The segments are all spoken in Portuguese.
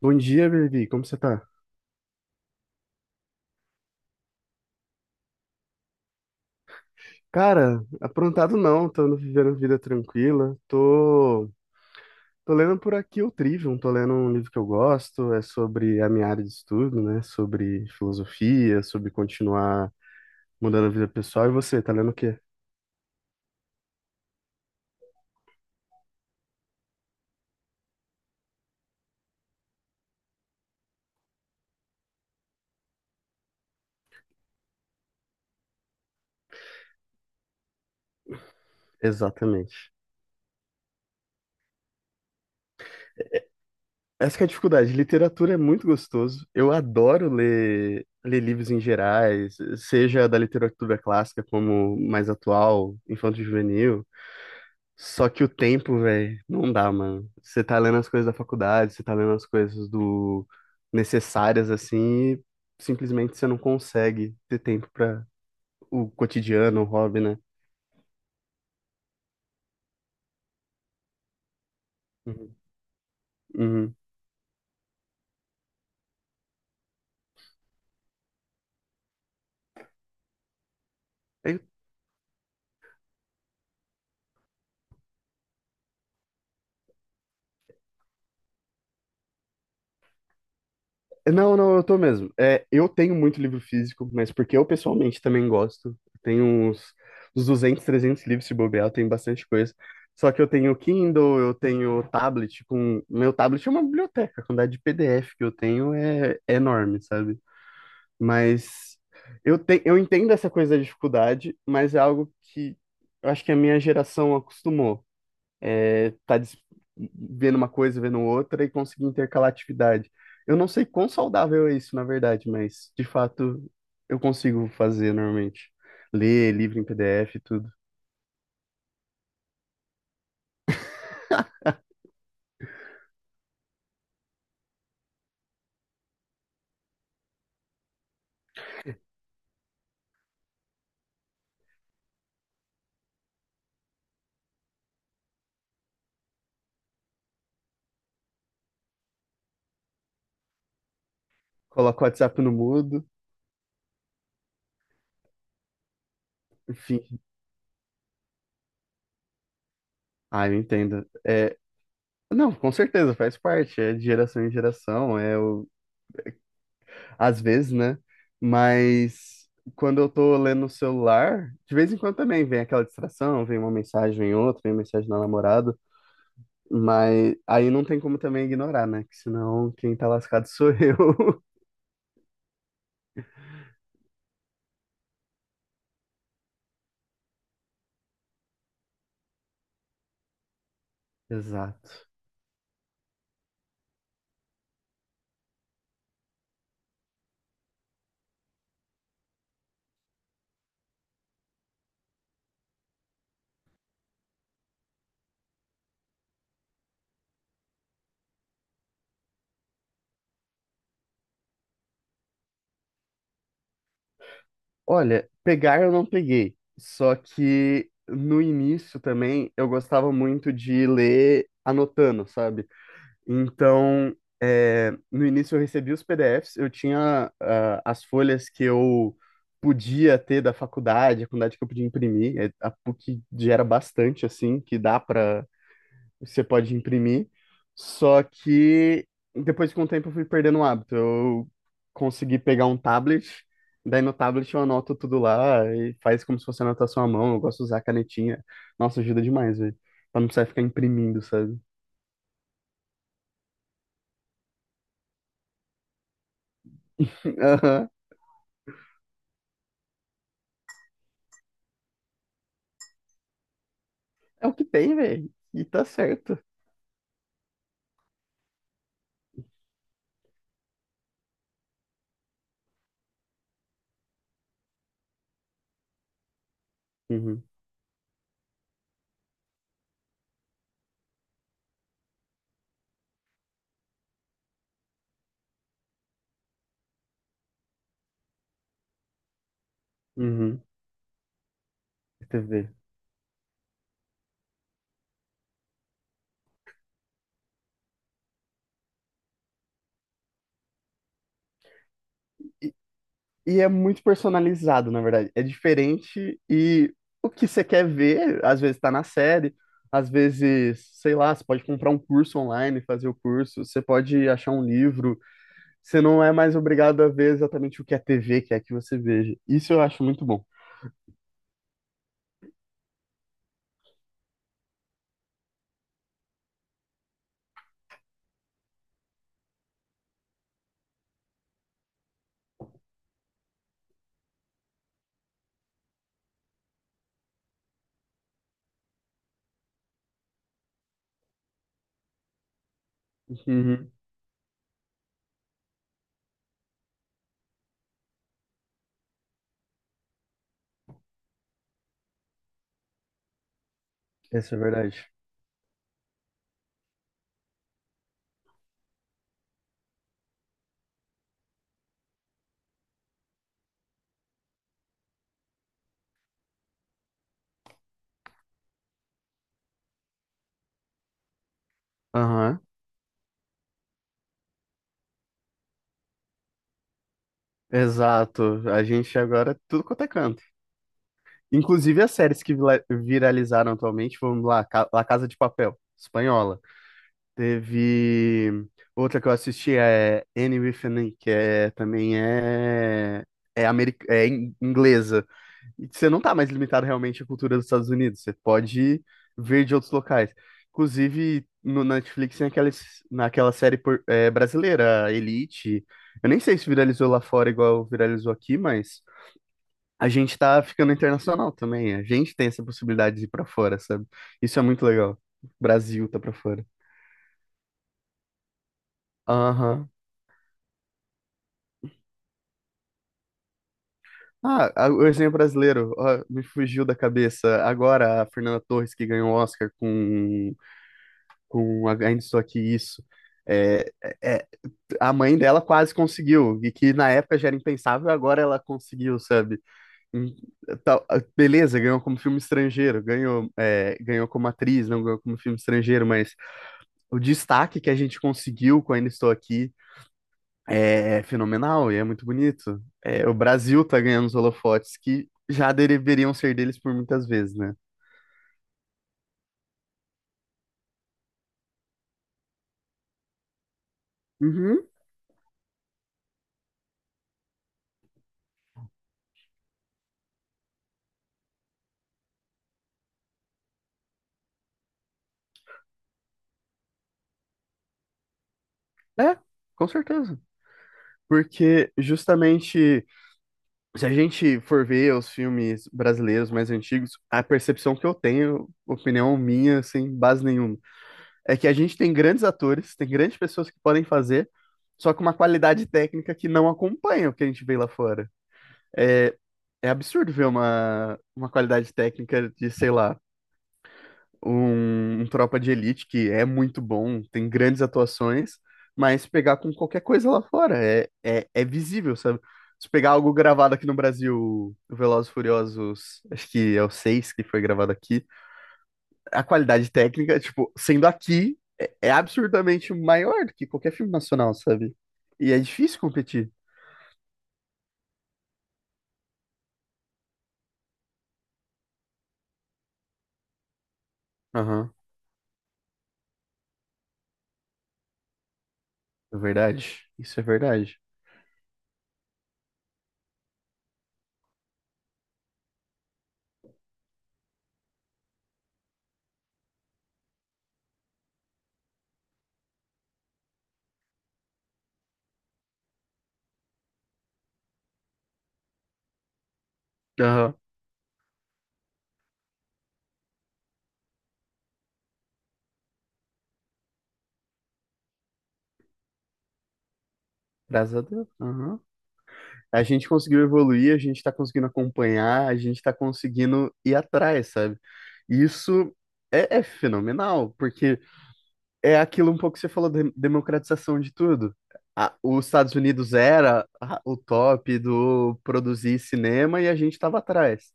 Bom dia, Levi. Como você tá? Cara, aprontado não, tô vivendo vida tranquila. Tô lendo por aqui o Trivium, tô lendo um livro que eu gosto, é sobre a minha área de estudo, né? Sobre filosofia, sobre continuar mudando a vida pessoal. E você, tá lendo o quê? Exatamente. Essa que é a dificuldade. Literatura é muito gostoso. Eu adoro ler livros em gerais, seja da literatura clássica como mais atual, infanto-juvenil. Só que o tempo, velho, não dá, mano. Você tá lendo as coisas da faculdade, você tá lendo as coisas do necessárias assim, e simplesmente você não consegue ter tempo pra o cotidiano, o hobby, né? Uhum. Uhum. Eu- Não, não, eu tô mesmo. É, eu tenho muito livro físico, mas porque eu pessoalmente também gosto. Tenho uns 200, 300 livros se bobear, eu tenho bastante coisa. Só que eu tenho Kindle, eu tenho tablet com... Meu tablet é uma biblioteca, a quantidade de PDF que eu tenho é enorme, sabe? Mas eu entendo essa coisa da dificuldade, mas é algo que eu acho que a minha geração acostumou. É, vendo uma coisa, vendo outra e conseguir intercalar atividade. Eu não sei quão saudável é isso, na verdade, mas de fato eu consigo fazer normalmente. Ler livro em PDF e tudo. Coloco o WhatsApp no mudo, enfim. Ah, eu entendo. É, não, com certeza, faz parte. É de geração em geração, às vezes, né? Mas quando eu tô lendo no celular, de vez em quando também vem aquela distração, vem uma mensagem em outra, vem uma mensagem na namorada, mas aí não tem como também ignorar, né? Que senão quem tá lascado sou eu. Exato. Olha, pegar eu não peguei, só que no início também eu gostava muito de ler anotando, sabe? Então, é, no início eu recebi os PDFs, eu tinha as folhas que eu podia ter da faculdade, a quantidade que eu podia imprimir. É, a PUC gera bastante, assim, que dá para você pode imprimir. Só que depois com o tempo eu fui perdendo o hábito. Eu consegui pegar um tablet, daí no tablet eu anoto tudo lá e faz como se fosse anotação à mão. Eu gosto de usar a canetinha. Nossa, ajuda demais, velho. Pra não precisar ficar imprimindo, sabe? Aham. É o que tem, velho. E tá certo. Uhum, uhum. Você vê. E, e é muito personalizado, na verdade. É diferente e o que você quer ver, às vezes tá na série, às vezes, sei lá, você pode comprar um curso online, fazer o curso, você pode achar um livro. Você não é mais obrigado a ver exatamente o que a TV quer que você veja. Isso eu acho muito bom. Uhum. Essa é verdade. Aham, exato. A gente agora é tudo quanto é canto. Inclusive as séries que viralizaram atualmente, vamos lá, La Casa de Papel, espanhola. Teve outra que eu assisti é Anne with an E, que é, também é, é inglesa. E você não tá mais limitado realmente à cultura dos Estados Unidos, você pode ver de outros locais. Inclusive no Netflix tem naquela série brasileira, Elite. Eu nem sei se viralizou lá fora igual viralizou aqui, mas a gente tá ficando internacional também. A gente tem essa possibilidade de ir pra fora, sabe? Isso é muito legal. O Brasil tá pra fora. Aham. Ah, o exemplo brasileiro, ó, me fugiu da cabeça. Agora, a Fernanda Torres, que ganhou o Oscar com Ainda Estou Aqui, isso. É, é- a mãe dela quase conseguiu, e que na época já era impensável, agora ela conseguiu, sabe? Hum, Beleza, ganhou como filme estrangeiro, ganhou como atriz, não ganhou como filme estrangeiro, mas o destaque que a gente conseguiu com Ainda Estou Aqui é fenomenal e é muito bonito. É, o Brasil tá ganhando os holofotes que já deveriam ser deles por muitas vezes, né? Uhum. É, com certeza. Porque justamente se a gente for ver os filmes brasileiros mais antigos, a percepção que eu tenho, opinião minha, sem base nenhuma, é que a gente tem grandes atores, tem grandes pessoas que podem fazer, só com uma qualidade técnica que não acompanha o que a gente vê lá fora. É, é absurdo ver uma, qualidade técnica de, sei lá, um Tropa de Elite que é muito bom, tem grandes atuações, mas pegar com qualquer coisa lá fora é visível, sabe? Se pegar algo gravado aqui no Brasil, o Velozes e Furiosos, acho que é o 6 que foi gravado aqui, a qualidade técnica, tipo, sendo aqui, é absurdamente maior do que qualquer filme nacional, sabe? E é difícil competir. Aham, é verdade. Isso é verdade. Aham. Graças a Deus. Aham. A gente conseguiu evoluir, a gente está conseguindo acompanhar, a gente está conseguindo ir atrás, sabe? Isso é fenomenal, porque é aquilo um pouco que você falou, de democratização de tudo. Os Estados Unidos era o top do produzir cinema e a gente estava atrás.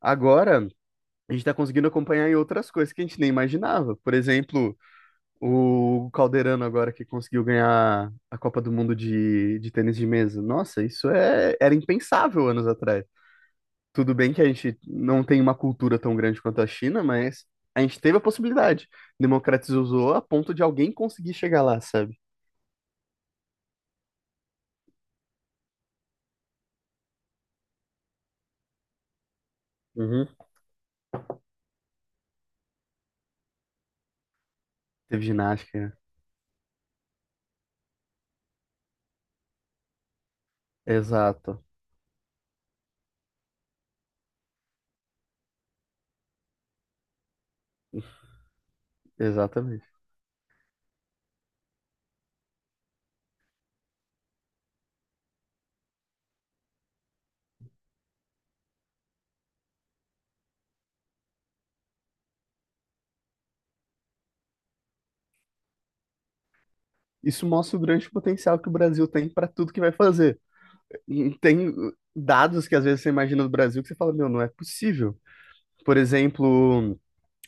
Agora, a gente está conseguindo acompanhar em outras coisas que a gente nem imaginava. Por exemplo, o Calderano agora que conseguiu ganhar a Copa do Mundo de tênis de mesa. Nossa, isso era impensável anos atrás. Tudo bem que a gente não tem uma cultura tão grande quanto a China, mas a gente teve a possibilidade. Democratizou a ponto de alguém conseguir chegar lá, sabe? Uhum. Teve ginástica. Exato, exatamente. Isso mostra o grande potencial que o Brasil tem para tudo que vai fazer. E tem dados que às vezes você imagina do Brasil que você fala, meu, não é possível. Por exemplo.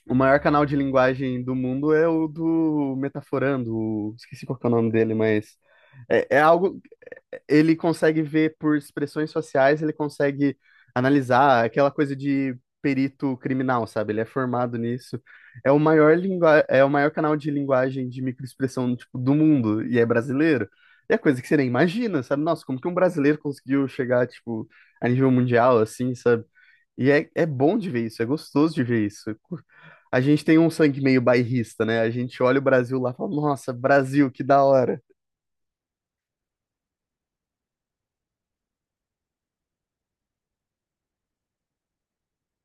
O maior canal de linguagem do mundo é o do Metaforando, esqueci qual que é o nome dele, mas é algo ele consegue ver por expressões sociais, ele consegue analisar aquela coisa de perito criminal, sabe? Ele é formado nisso. É o maior canal de linguagem de microexpressão, tipo, do mundo e é brasileiro. E é coisa que você nem imagina, sabe? Nossa, como que um brasileiro conseguiu chegar, tipo, a nível mundial, assim, sabe? E é bom de ver isso, é gostoso de ver isso. A gente tem um sangue meio bairrista, né? A gente olha o Brasil lá e fala, nossa, Brasil, que da hora.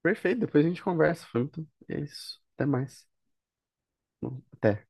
Perfeito, depois a gente conversa. Foi muito... É isso. Até mais. Bom, até.